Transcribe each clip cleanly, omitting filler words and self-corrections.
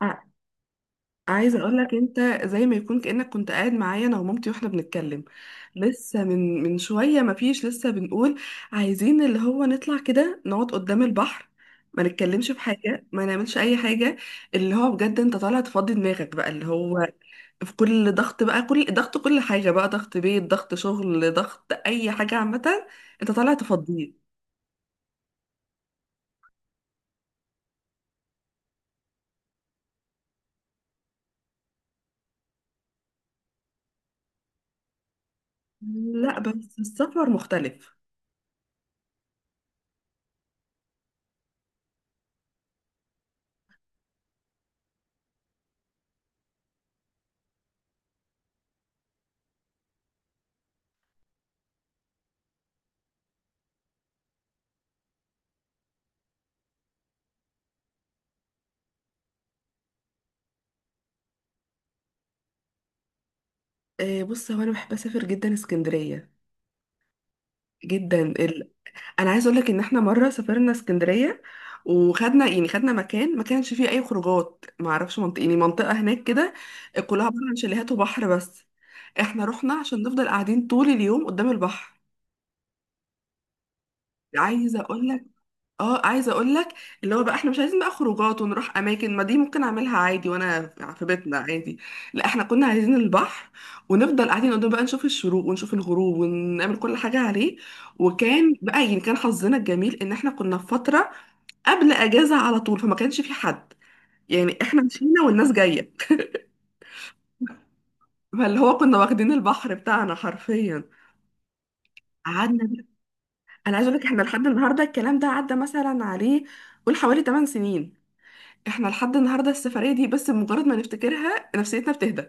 ع- عايزه اقول لك انت، زي ما يكون كانك كنت قاعد معايا انا ومامتي واحنا بنتكلم. لسه من شويه ما فيش لسه بنقول عايزين اللي هو نطلع كده نقعد قدام البحر، ما نتكلمش في حاجه، ما نعملش اي حاجه. اللي هو بجد انت طالع تفضي دماغك بقى، اللي هو في كل ضغط بقى، كل ضغط، كل حاجه بقى، ضغط بيت، ضغط شغل، ضغط اي حاجه عامه. انت طالع تفضيه. لا بس السفر مختلف. بص هو انا بحب اسافر جدا اسكندريه، جدا. انا عايز اقول لك ان احنا مره سافرنا اسكندريه، وخدنا يعني خدنا مكان ما كانش فيه اي خروجات، ما اعرفش منطقه يعني منطقه هناك كده كلها عباره عن شاليهات وبحر بس. احنا رحنا عشان نفضل قاعدين طول اليوم قدام البحر. عايزه اقول لك، اه عايزه اقول لك اللي هو بقى احنا مش عايزين بقى خروجات ونروح اماكن، ما دي ممكن اعملها عادي وانا في بيتنا عادي. لا احنا كنا عايزين البحر، ونفضل قاعدين قدام بقى، نشوف الشروق ونشوف الغروب ونعمل كل حاجه عليه. وكان بقى يعني كان حظنا الجميل ان احنا كنا في فتره قبل اجازه على طول، فما كانش في حد، يعني احنا مشينا والناس جايه. فاللي هو كنا واخدين البحر بتاعنا حرفيا. قعدنا. انا عايزه اقول لك احنا لحد النهارده الكلام ده عدى مثلا عليه قول حوالي 8 سنين. احنا لحد النهارده السفريه دي بس بمجرد ما نفتكرها نفسيتنا بتهدى.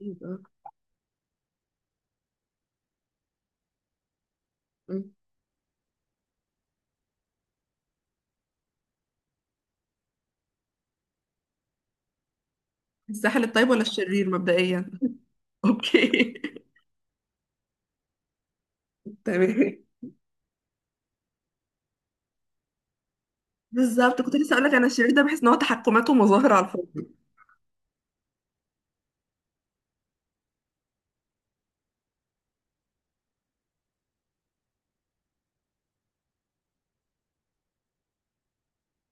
يبقى- م. الساحل الطيب ولا الشرير مبدئيا؟ اوكي. تمام. بالظبط، كنت لسه اقول لك انا الشرير ده بحس ان هو تحكمات ومظاهر على الفاضي.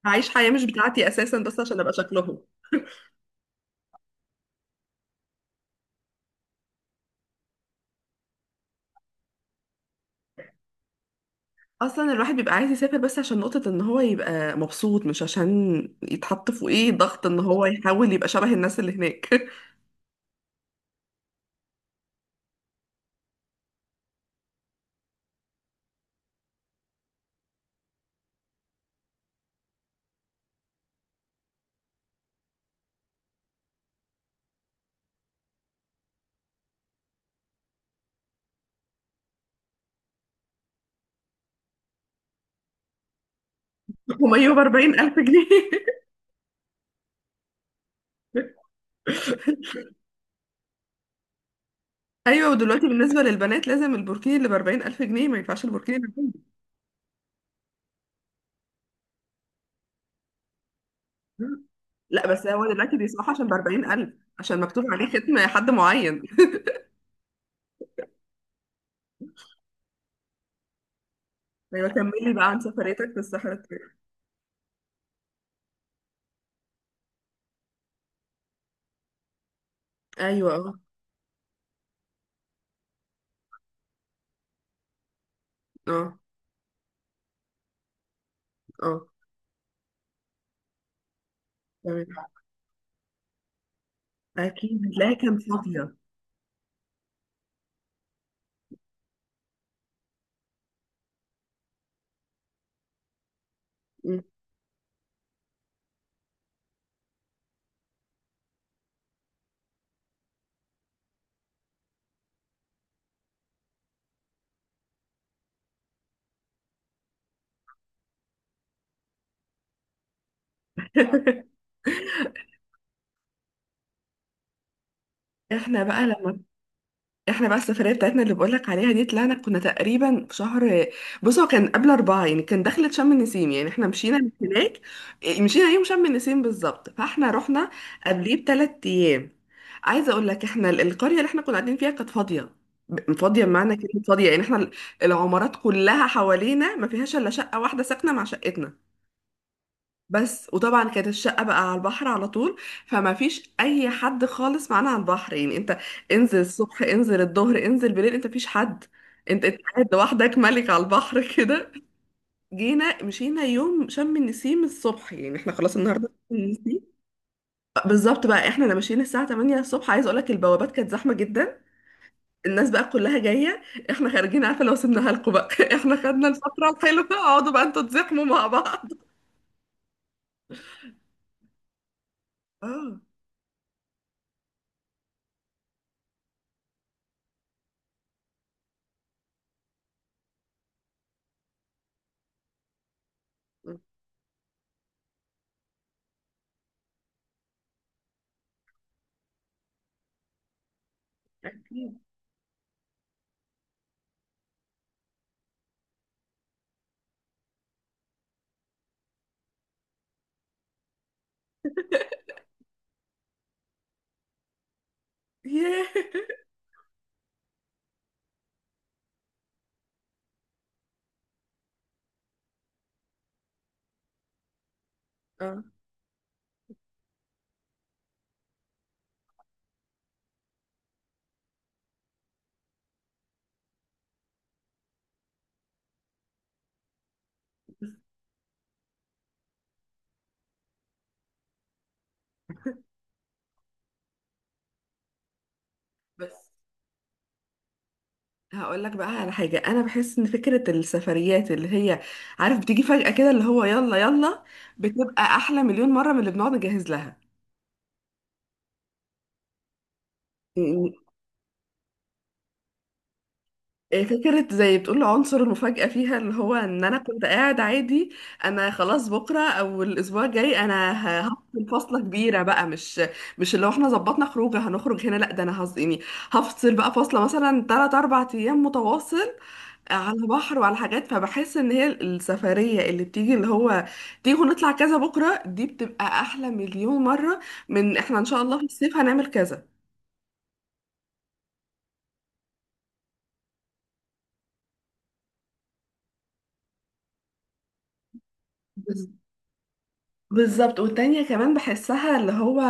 عايش حياه مش بتاعتي اساسا بس عشان ابقى شكلهم. اصلا الواحد بيبقى عايز يسافر بس عشان نقطة ان هو يبقى مبسوط، مش عشان يتحط في ايه ضغط ان هو يحاول يبقى شبه الناس اللي هناك. وميه ب 40000 الف جنيه. ايوه، ودلوقتي بالنسبة للبنات لازم البوركيني اللي ب 40000 الف جنيه، ما ينفعش البوركيني اللي ب 50. لا بس هو دلوقتي بيسمحوا عشان ب 40000 الف، عشان مكتوب عليه ختم حد معين. ايوه كملي بقى عن سفريتك في الصحراء الطويلة. ايوه. اه. اه. اه. تمام. اكيد هتلاقيها كانت فاضية. احنا بقى لما احنا بقى السفرية بتاعتنا اللي بقولك عليها دي طلعنا كنا تقريبا في شهر، بص هو كان قبل أربعة يعني، كان دخلة شم النسيم يعني احنا مشينا من هناك. إيه، مشينا يوم شم النسيم بالظبط، فاحنا رحنا قبليه ب3 أيام. عايزة أقول لك احنا القرية اللي احنا كنا قاعدين فيها كانت فاضية، فاضية بمعنى كلمة فاضية يعني احنا العمارات كلها حوالينا ما فيهاش إلا شقة واحدة ساكنة مع شقتنا بس. وطبعا كانت الشقة بقى على البحر على طول، فما فيش أي حد خالص معانا على البحر، يعني أنت انزل الصبح، انزل الظهر، انزل بالليل، أنت مفيش حد. أنت أنت قاعد لوحدك ملك على البحر كده. جينا مشينا يوم شم النسيم الصبح، يعني احنا خلاص النهاردة شم النسيم بالظبط بقى، احنا ماشيين الساعة 8 الصبح، عايز اقولك البوابات كانت زحمة جدا. الناس بقى كلها جاية، احنا خارجين. عارفة، لو سيبناها لكم بقى، احنا خدنا الفترة الحلوة، اقعدوا بقى انتوا تزحموا مع بعض. اه. اكيد. ياه. اه. بس هقول لك بقى على حاجة، أنا بحس إن فكرة السفريات اللي هي، عارف، بتيجي فجأة كده اللي هو يلا يلا، بتبقى أحلى مليون مرة من اللي بنقعد نجهز لها. إيه فكرة زي بتقول عنصر المفاجأة فيها، اللي هو ان انا كنت قاعد عادي، انا خلاص بكرة او الاسبوع الجاي انا هفصل فصلة كبيرة بقى، مش اللي هو احنا ظبطنا خروجه هنخرج هنا، لا ده انا هز يعني هفصل بقى فصلة مثلا 3 4 ايام متواصل على بحر وعلى حاجات. فبحس ان هي السفرية اللي بتيجي اللي هو تيجوا نطلع كذا بكرة، دي بتبقى احلى مليون مرة من احنا ان شاء الله في الصيف هنعمل كذا. بالظبط، والتانية كمان بحسها اللي هو،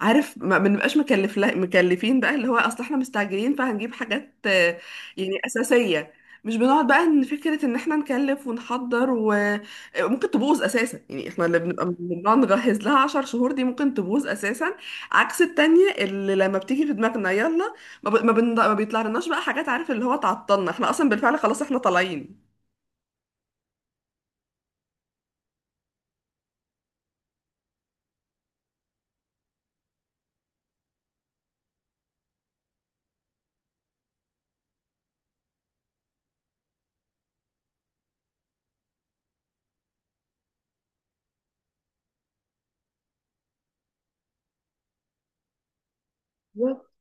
عارف، ما بنبقاش مكلف، لا مكلفين بقى، اللي هو اصل احنا مستعجلين فهنجيب حاجات يعني اساسية. مش بنقعد بقى ان فكرة ان احنا نكلف ونحضر وممكن تبوظ اساسا، يعني احنا اللي بنبقى بنقعد نجهز لها 10 شهور دي ممكن تبوظ اساسا. عكس التانية اللي لما بتيجي في دماغنا يلا، ما, ب... ما, بن... ما بيطلع لناش بقى حاجات، عارف اللي هو تعطلنا، احنا اصلا بالفعل خلاص احنا طالعين. بالظبط.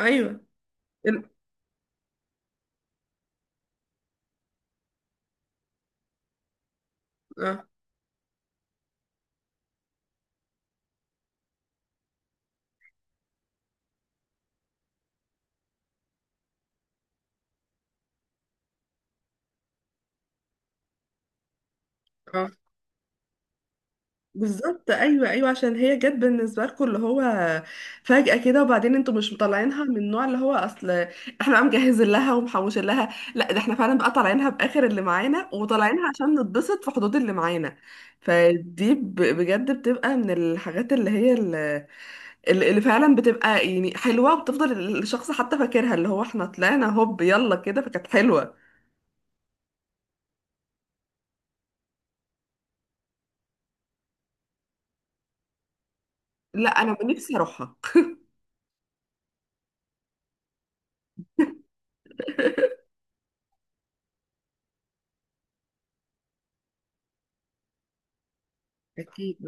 ايوه ال- اه بالظبط ايوه ايوه، عشان هي جت بالنسبه لكم اللي هو فجاه كده، وبعدين انتوا مش مطلعينها من النوع اللي هو اصل احنا بقى مجهزين لها ومحوشين لها، لا ده احنا فعلا بقى طالعينها باخر اللي معانا، وطالعينها عشان نتبسط في حدود اللي معانا. فدي بجد بتبقى من الحاجات اللي هي اللي فعلا بتبقى يعني حلوه، وبتفضل الشخص حتى فاكرها، اللي هو احنا طلعنا هوب يلا كده، فكانت حلوه. لا انا نفسي اروحها. أكيد.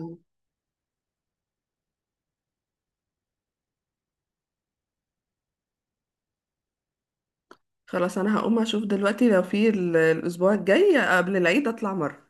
خلاص انا هقوم اشوف دلوقتي لو في الاسبوع الجاي قبل العيد اطلع مرة